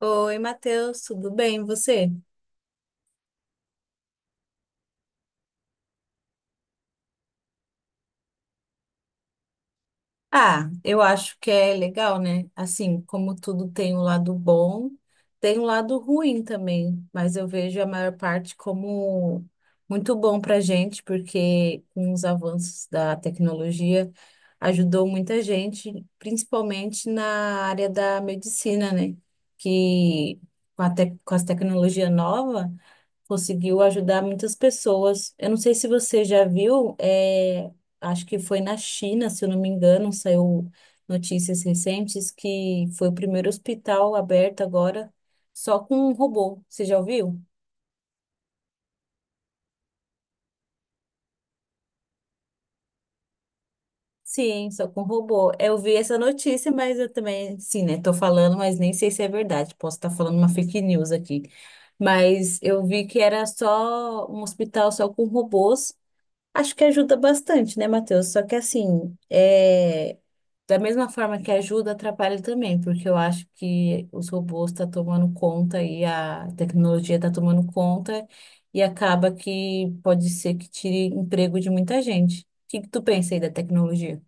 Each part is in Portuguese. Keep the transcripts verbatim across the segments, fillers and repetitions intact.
Oi, Matheus, tudo bem? E você? Ah, eu acho que é legal, né? Assim, como tudo tem um lado bom, tem um lado ruim também, mas eu vejo a maior parte como muito bom para a gente, porque com os avanços da tecnologia ajudou muita gente, principalmente na área da medicina, né? Que com a tec- com as tecnologias novas conseguiu ajudar muitas pessoas. Eu não sei se você já viu, é, acho que foi na China, se eu não me engano, saiu notícias recentes que foi o primeiro hospital aberto agora só com um robô. Você já ouviu? Sim, só com robô. Eu vi essa notícia, mas eu também, sim, né? Tô falando, mas nem sei se é verdade. Posso estar falando uma fake news aqui. Mas eu vi que era só um hospital só com robôs. Acho que ajuda bastante, né, Matheus? Só que assim, é... da mesma forma que ajuda, atrapalha também, porque eu acho que os robôs estão tomando conta e a tecnologia está tomando conta e acaba que pode ser que tire emprego de muita gente. O que que tu pensa aí da tecnologia?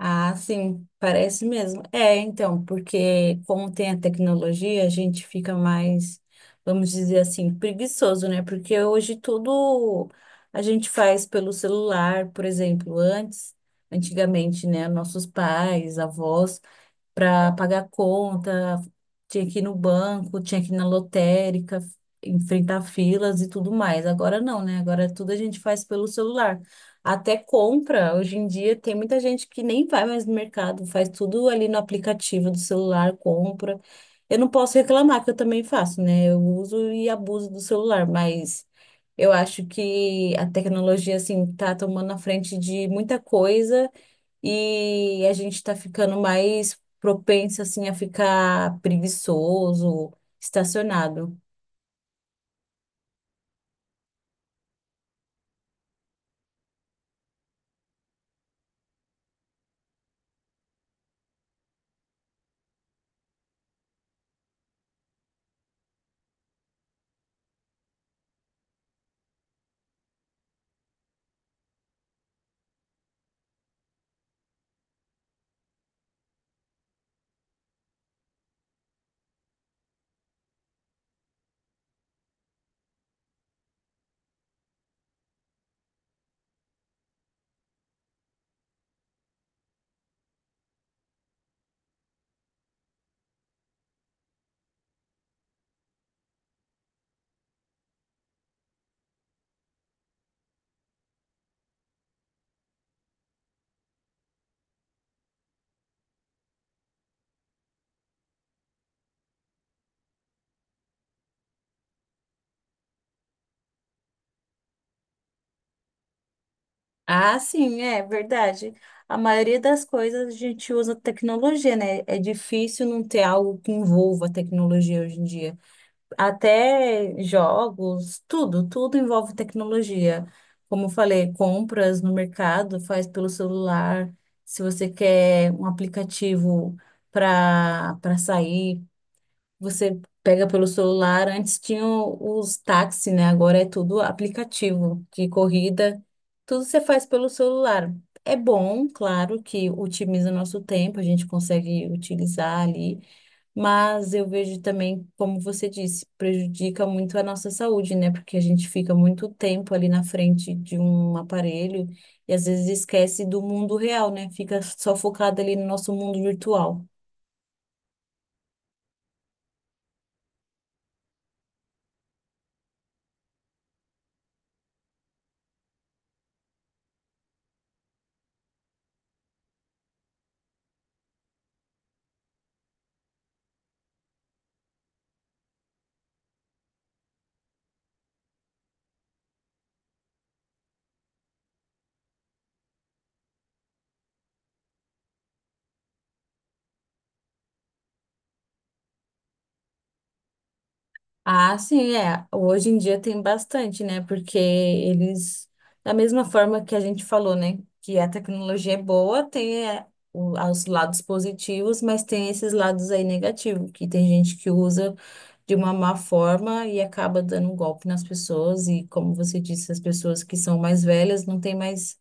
Ah, sim, parece mesmo. É, então, porque como tem a tecnologia, a gente fica mais, vamos dizer assim, preguiçoso, né? Porque hoje tudo a gente faz pelo celular, por exemplo, antes, antigamente, né? Nossos pais, avós, para pagar conta, tinha que ir no banco, tinha que ir na lotérica, enfrentar filas e tudo mais. Agora não, né? Agora tudo a gente faz pelo celular. Até compra, hoje em dia tem muita gente que nem vai mais no mercado, faz tudo ali no aplicativo do celular, compra. Eu não posso reclamar que eu também faço, né? Eu uso e abuso do celular, mas eu acho que a tecnologia assim tá tomando a frente de muita coisa e a gente está ficando mais propenso assim a ficar preguiçoso, estacionado. Ah, sim, é verdade. A maioria das coisas a gente usa tecnologia, né? É difícil não ter algo que envolva tecnologia hoje em dia. Até jogos, tudo, tudo envolve tecnologia. Como eu falei, compras no mercado faz pelo celular. Se você quer um aplicativo para para sair, você pega pelo celular, antes tinham os táxis, né? Agora é tudo aplicativo de corrida, tudo você faz pelo celular. É bom, claro, que otimiza nosso tempo, a gente consegue utilizar ali, mas eu vejo também, como você disse, prejudica muito a nossa saúde, né? Porque a gente fica muito tempo ali na frente de um aparelho e às vezes esquece do mundo real, né? Fica só focado ali no nosso mundo virtual. Ah, sim, é. Hoje em dia tem bastante, né? Porque eles, da mesma forma que a gente falou, né? Que a tecnologia é boa, tem é, o- os lados positivos, mas tem esses lados aí negativos, que tem gente que usa de uma má forma e acaba dando um golpe nas pessoas. E como você disse, as pessoas que são mais velhas não têm mais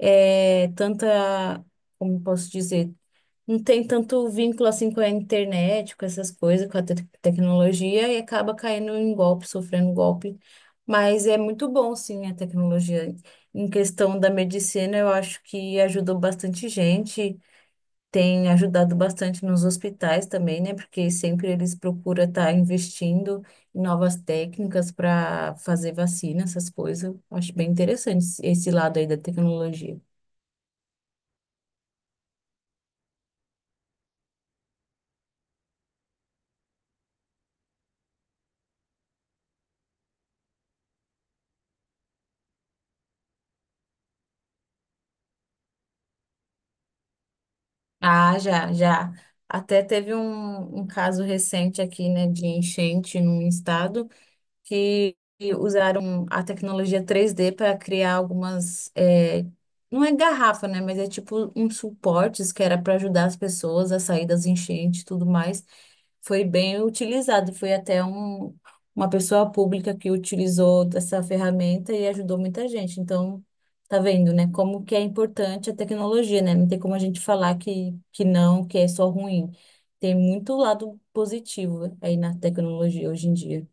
eh, tanta, como posso dizer, não tem tanto vínculo assim com a internet, com essas coisas, com a te- tecnologia e acaba caindo em golpe, sofrendo golpe. Mas é muito bom, sim, a tecnologia. Em questão da medicina, eu acho que ajudou bastante gente, tem ajudado bastante nos hospitais também, né? Porque sempre eles procuram estar investindo em novas técnicas para fazer vacina, essas coisas. Acho bem interessante esse esse lado aí da tecnologia. Ah, já, já. Até teve um, um caso recente aqui, né, de enchente num estado, que usaram a tecnologia três D para criar algumas, é, não é garrafa, né? Mas é tipo uns suportes que era para ajudar as pessoas a sair das enchentes e tudo mais. Foi bem utilizado. Foi até um, uma pessoa pública que utilizou essa ferramenta e ajudou muita gente. Então, tá vendo, né? Como que é importante a tecnologia, né? Não tem como a gente falar que, que não, que é só ruim. Tem muito lado positivo aí na tecnologia hoje em dia.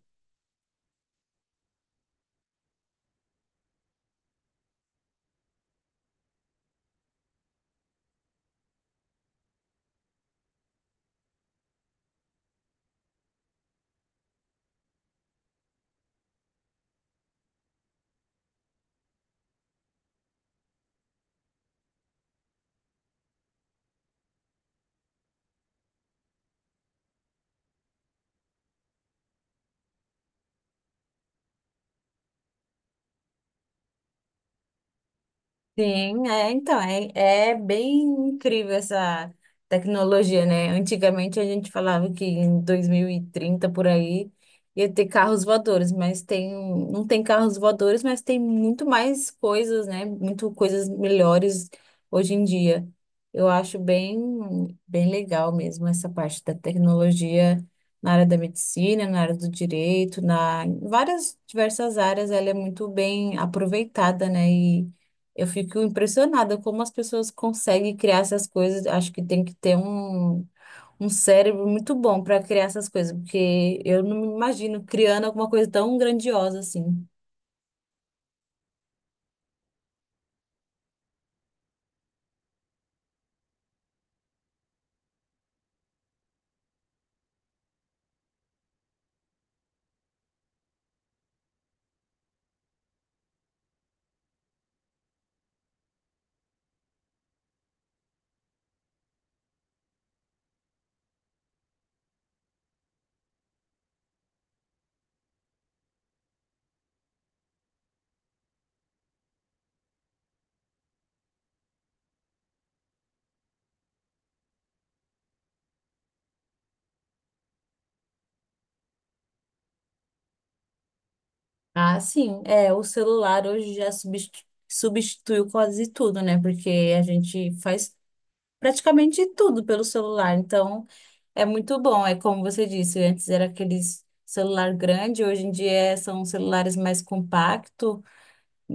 Sim, é, então, é, é bem incrível essa tecnologia, né? Antigamente a gente falava que em dois mil e trinta por aí ia ter carros voadores, mas tem, não tem carros voadores, mas tem muito mais coisas, né? Muito coisas melhores hoje em dia. Eu acho bem, bem legal mesmo essa parte da tecnologia na área da medicina, na área do direito, na em várias diversas áreas, ela é muito bem aproveitada, né? Eu fico impressionada como as pessoas conseguem criar essas coisas. Acho que tem que ter um, um cérebro muito bom para criar essas coisas, porque eu não me imagino criando alguma coisa tão grandiosa assim. Ah, sim, é, o celular hoje já substitu- substituiu quase tudo, né? Porque a gente faz praticamente tudo pelo celular. Então, é muito bom. É como você disse, antes era aqueles celular grande, hoje em dia são celulares mais compactos,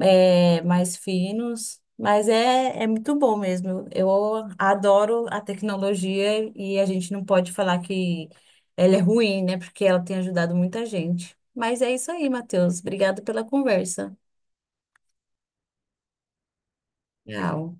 é, mais finos, mas é, é muito bom mesmo. Eu adoro a tecnologia e a gente não pode falar que ela é ruim, né? Porque ela tem ajudado muita gente. Mas é isso aí, Matheus. Obrigada pela conversa. Tchau.